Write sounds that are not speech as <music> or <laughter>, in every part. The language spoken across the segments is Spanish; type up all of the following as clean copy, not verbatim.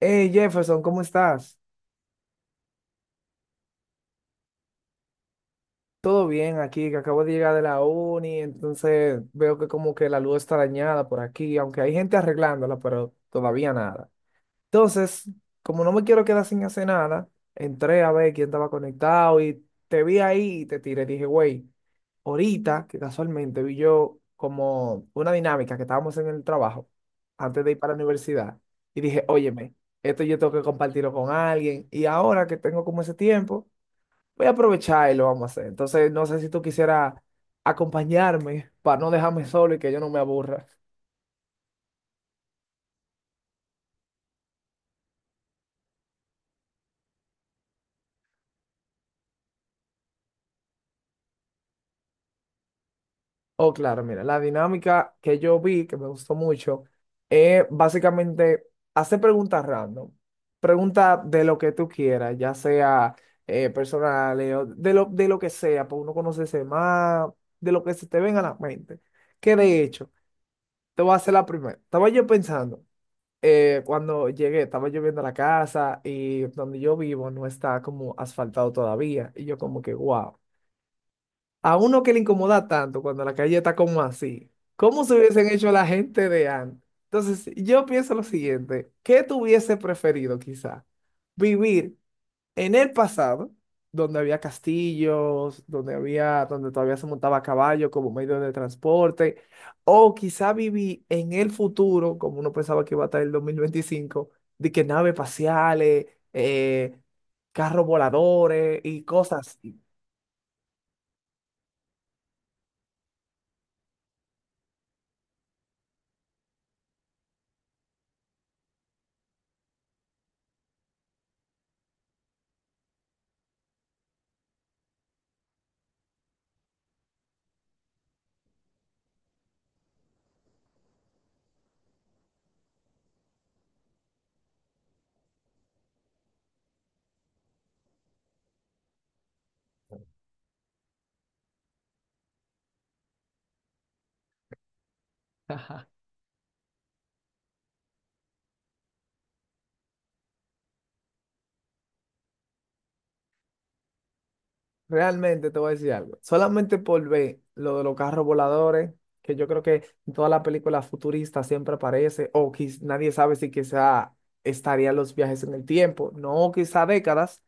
Hey Jefferson, ¿cómo estás? Todo bien aquí, que acabo de llegar de la uni, entonces veo que como que la luz está dañada por aquí, aunque hay gente arreglándola, pero todavía nada. Entonces, como no me quiero quedar sin hacer nada, entré a ver quién estaba conectado y te vi ahí y te tiré. Dije, güey, ahorita que casualmente vi yo como una dinámica que estábamos en el trabajo antes de ir para la universidad y dije, óyeme, esto yo tengo que compartirlo con alguien y ahora que tengo como ese tiempo. Voy a aprovechar y lo vamos a hacer. Entonces, no sé si tú quisieras acompañarme para no dejarme solo y que yo no me aburra. Oh, claro, mira, la dinámica que yo vi, que me gustó mucho, es básicamente hacer preguntas random. Preguntas de lo que tú quieras, ya sea personales o de lo que sea, para uno conocerse más, de lo que se te venga a la mente. Que de hecho, te voy a hacer la primera. Estaba yo pensando. Eh, cuando llegué, estaba lloviendo a la casa y donde yo vivo no está como asfaltado todavía. Y yo como que, wow, a uno que le incomoda tanto cuando la calle está como así, ¿cómo se hubiesen hecho la gente de antes? Entonces, yo pienso lo siguiente, ¿qué tuviese preferido quizá? ¿Vivir en el pasado, donde había castillos, donde todavía se montaba a caballo como medio de transporte, o quizá viví en el futuro, como uno pensaba que iba a estar el 2025, de que naves espaciales, eh, carros voladores y cosas. Así. Realmente te voy a decir algo. Solamente por ver lo de los carros voladores, que yo creo que en todas las películas futuristas siempre aparece, o nadie sabe si quizá estarían los viajes en el tiempo, no quizá décadas,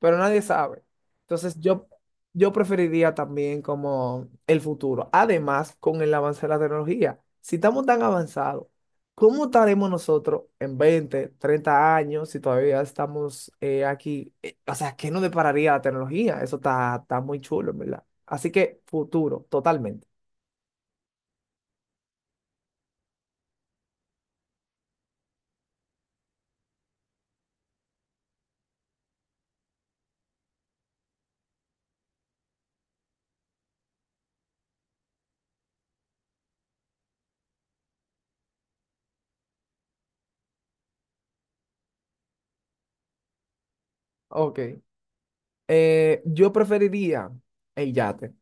pero nadie sabe. Entonces yo, yo preferiría también como el futuro. Además, con el avance de la tecnología, si estamos tan avanzados, ¿cómo estaremos nosotros en 20, 30 años si todavía estamos aquí? O sea, ¿qué nos depararía la tecnología? Está muy chulo, en verdad. Así que futuro, totalmente. Ok. Yo preferiría el yate.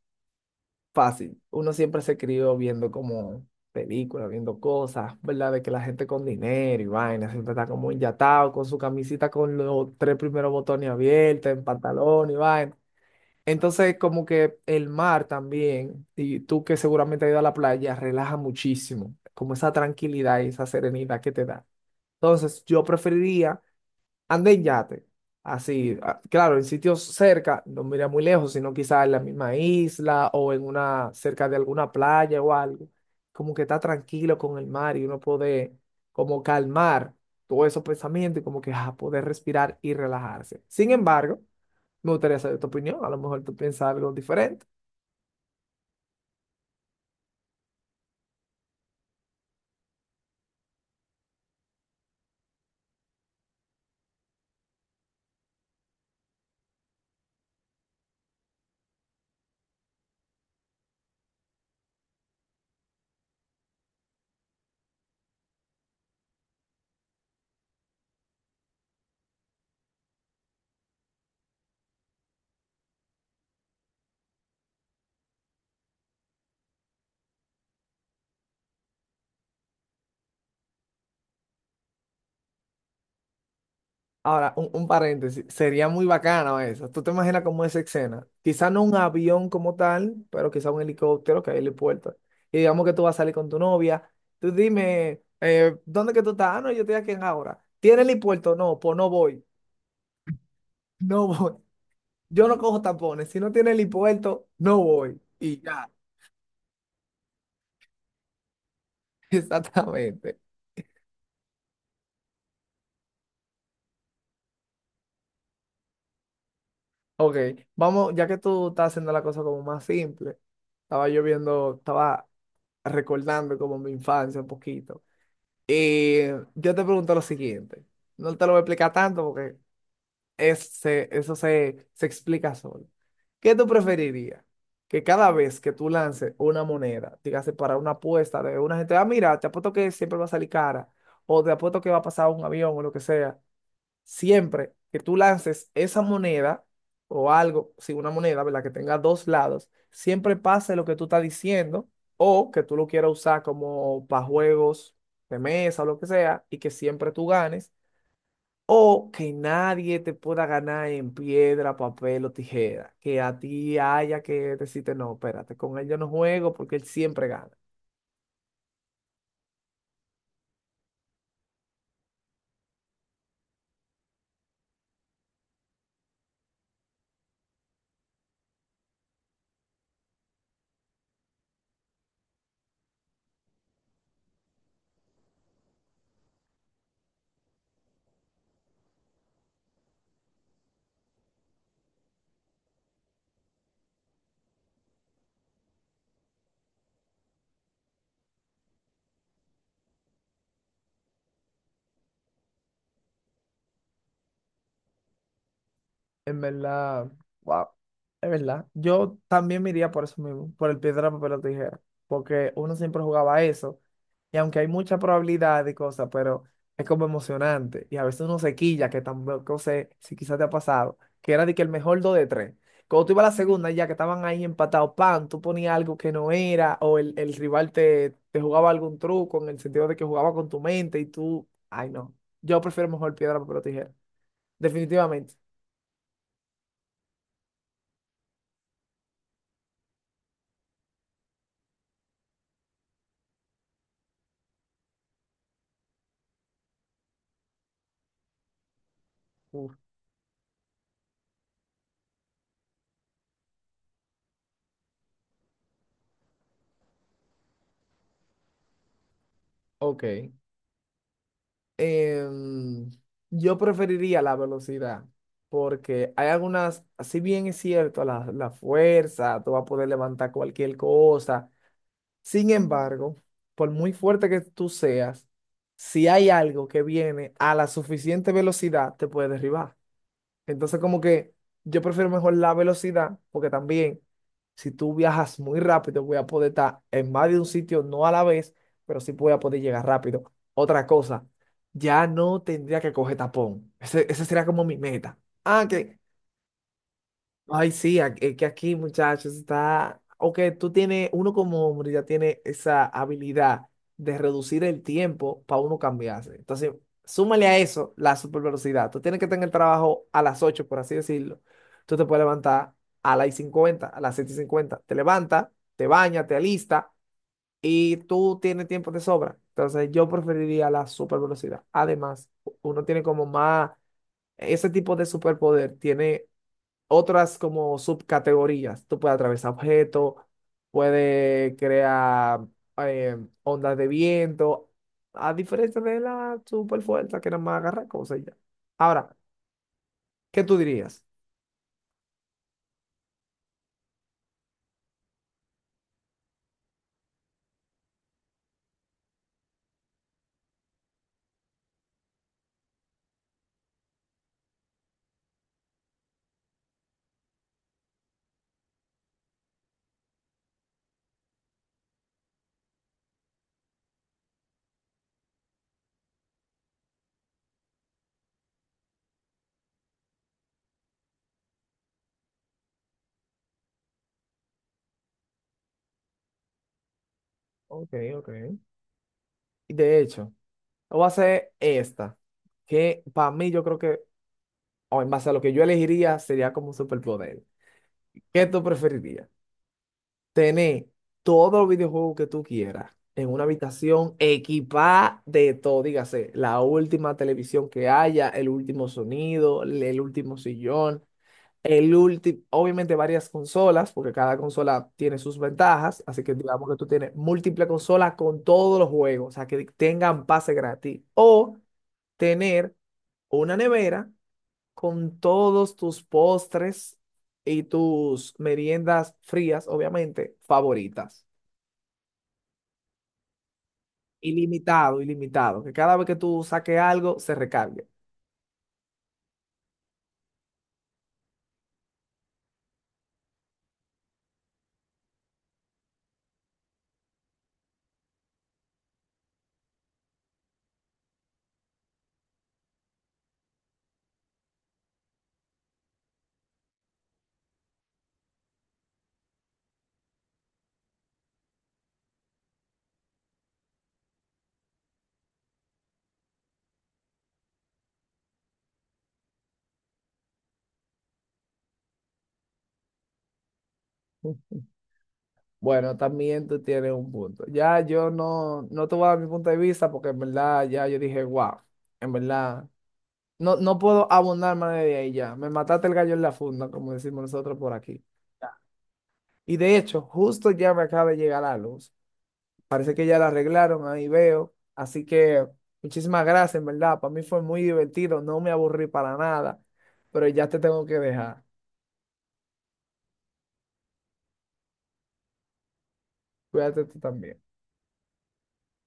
Fácil. Uno siempre se crió viendo como películas, viendo cosas, ¿verdad? De que la gente con dinero y vaina siempre está como inyatado con su camisita con los tres primeros botones abiertos, en pantalón y vaina. Entonces, como que el mar también, y tú que seguramente has ido a la playa, relaja muchísimo, como esa tranquilidad y esa serenidad que te da. Entonces, yo preferiría ande en yate, así, claro, en sitios cerca, no mira muy lejos, sino quizás en la misma isla o en una, cerca de alguna playa o algo, como que está tranquilo con el mar y uno puede como calmar todos esos pensamientos y como que ah, poder respirar y relajarse. Sin embargo, me gustaría saber tu opinión, a lo mejor tú piensas algo diferente. Ahora, un paréntesis, sería muy bacano eso. ¿Tú te imaginas cómo es esa escena? Quizá no un avión como tal, pero quizá un helicóptero que hay helipuerto. Y digamos que tú vas a salir con tu novia. Tú dime, ¿dónde que tú estás? Ah, no, yo estoy aquí en ahora. ¿Tiene helipuerto? No, pues no voy. <laughs> No voy. Yo no cojo tapones. Si no tiene helipuerto, no voy. Y ya. <laughs> Exactamente. Ok, vamos, ya que tú estás haciendo la cosa como más simple, estaba recordando como mi infancia un poquito. Y yo te pregunto lo siguiente, no te lo voy a explicar tanto porque eso se explica solo. ¿Qué tú preferirías? Que cada vez que tú lances una moneda, dígase para una apuesta de una gente, ah, mira, te apuesto que siempre va a salir cara, o te apuesto que va a pasar un avión o lo que sea, siempre que tú lances esa moneda o algo, si una moneda, ¿verdad? Que tenga dos lados, siempre pase lo que tú estás diciendo o que tú lo quieras usar como para juegos de mesa o lo que sea y que siempre tú ganes o que nadie te pueda ganar en piedra, papel o tijera, que a ti haya que decirte, no, espérate, con él yo no juego porque él siempre gana. En verdad, wow, es verdad. Yo también me iría por eso mismo, por el piedra, papel o tijera, porque uno siempre jugaba a eso, y aunque hay mucha probabilidad y cosas, pero es como emocionante, y a veces uno se quilla, que tampoco sé si quizás te ha pasado, que era de que el mejor dos de tres. Cuando tú ibas a la segunda, ya que estaban ahí empatados, pan, tú ponías algo que no era, o el rival te jugaba algún truco en el sentido de que jugaba con tu mente, y tú, ay no, yo prefiero mejor piedra, papel o tijera, definitivamente. Ok. Em, yo preferiría la velocidad porque hay algunas, si bien es cierto, la fuerza, tú vas a poder levantar cualquier cosa. Sin embargo, por muy fuerte que tú seas, si hay algo que viene a la suficiente velocidad, te puede derribar. Entonces, como que yo prefiero mejor la velocidad, porque también si tú viajas muy rápido, voy a poder estar en más de un sitio, no a la vez, pero sí voy a poder llegar rápido. Otra cosa, ya no tendría que coger tapón. Esa sería como mi meta. Ah, que ay, sí, es que aquí, muchachos, está. O que tú tienes, uno como hombre ya tiene esa habilidad de reducir el tiempo para uno cambiarse. Entonces, súmale a eso la super velocidad. Tú tienes que tener el trabajo a las 8, por así decirlo. Tú te puedes levantar a las 7:50. Te levantas, te bañas, te alistas y tú tienes tiempo de sobra. Entonces, yo preferiría la super velocidad. Además, uno tiene como más. Ese tipo de superpoder tiene otras como subcategorías. Tú puedes atravesar objetos, puedes crear ondas de viento, a diferencia de la super fuerza que nada más agarra cosas y ya. Ahora, ¿qué tú dirías? Ok, ok. Y de hecho, voy a hacer esta, que para mí yo creo que, o en base a lo que yo elegiría, sería como un superpoder. ¿Qué tú preferirías? Tener todos los videojuegos que tú quieras en una habitación equipada de todo, dígase, la última televisión que haya, el último sonido, el último sillón, el último, obviamente varias consolas, porque cada consola tiene sus ventajas, así que digamos que tú tienes múltiples consolas con todos los juegos, o sea, que tengan pase gratis, o tener una nevera con todos tus postres y tus meriendas frías, obviamente, favoritas. Ilimitado, ilimitado. Que cada vez que tú saques algo, se recargue. Bueno, también tú tienes un punto. Ya yo no, no te voy a dar mi punto de vista porque en verdad ya yo dije, wow, en verdad, no puedo abundar más de ahí ya. Me mataste el gallo en la funda, como decimos nosotros por aquí. Ya. Y de hecho, justo ya me acaba de llegar la luz. Parece que ya la arreglaron, ahí veo. Así que muchísimas gracias, en verdad. Para mí fue muy divertido, no me aburrí para nada, pero ya te tengo que dejar. Cuídate tú también.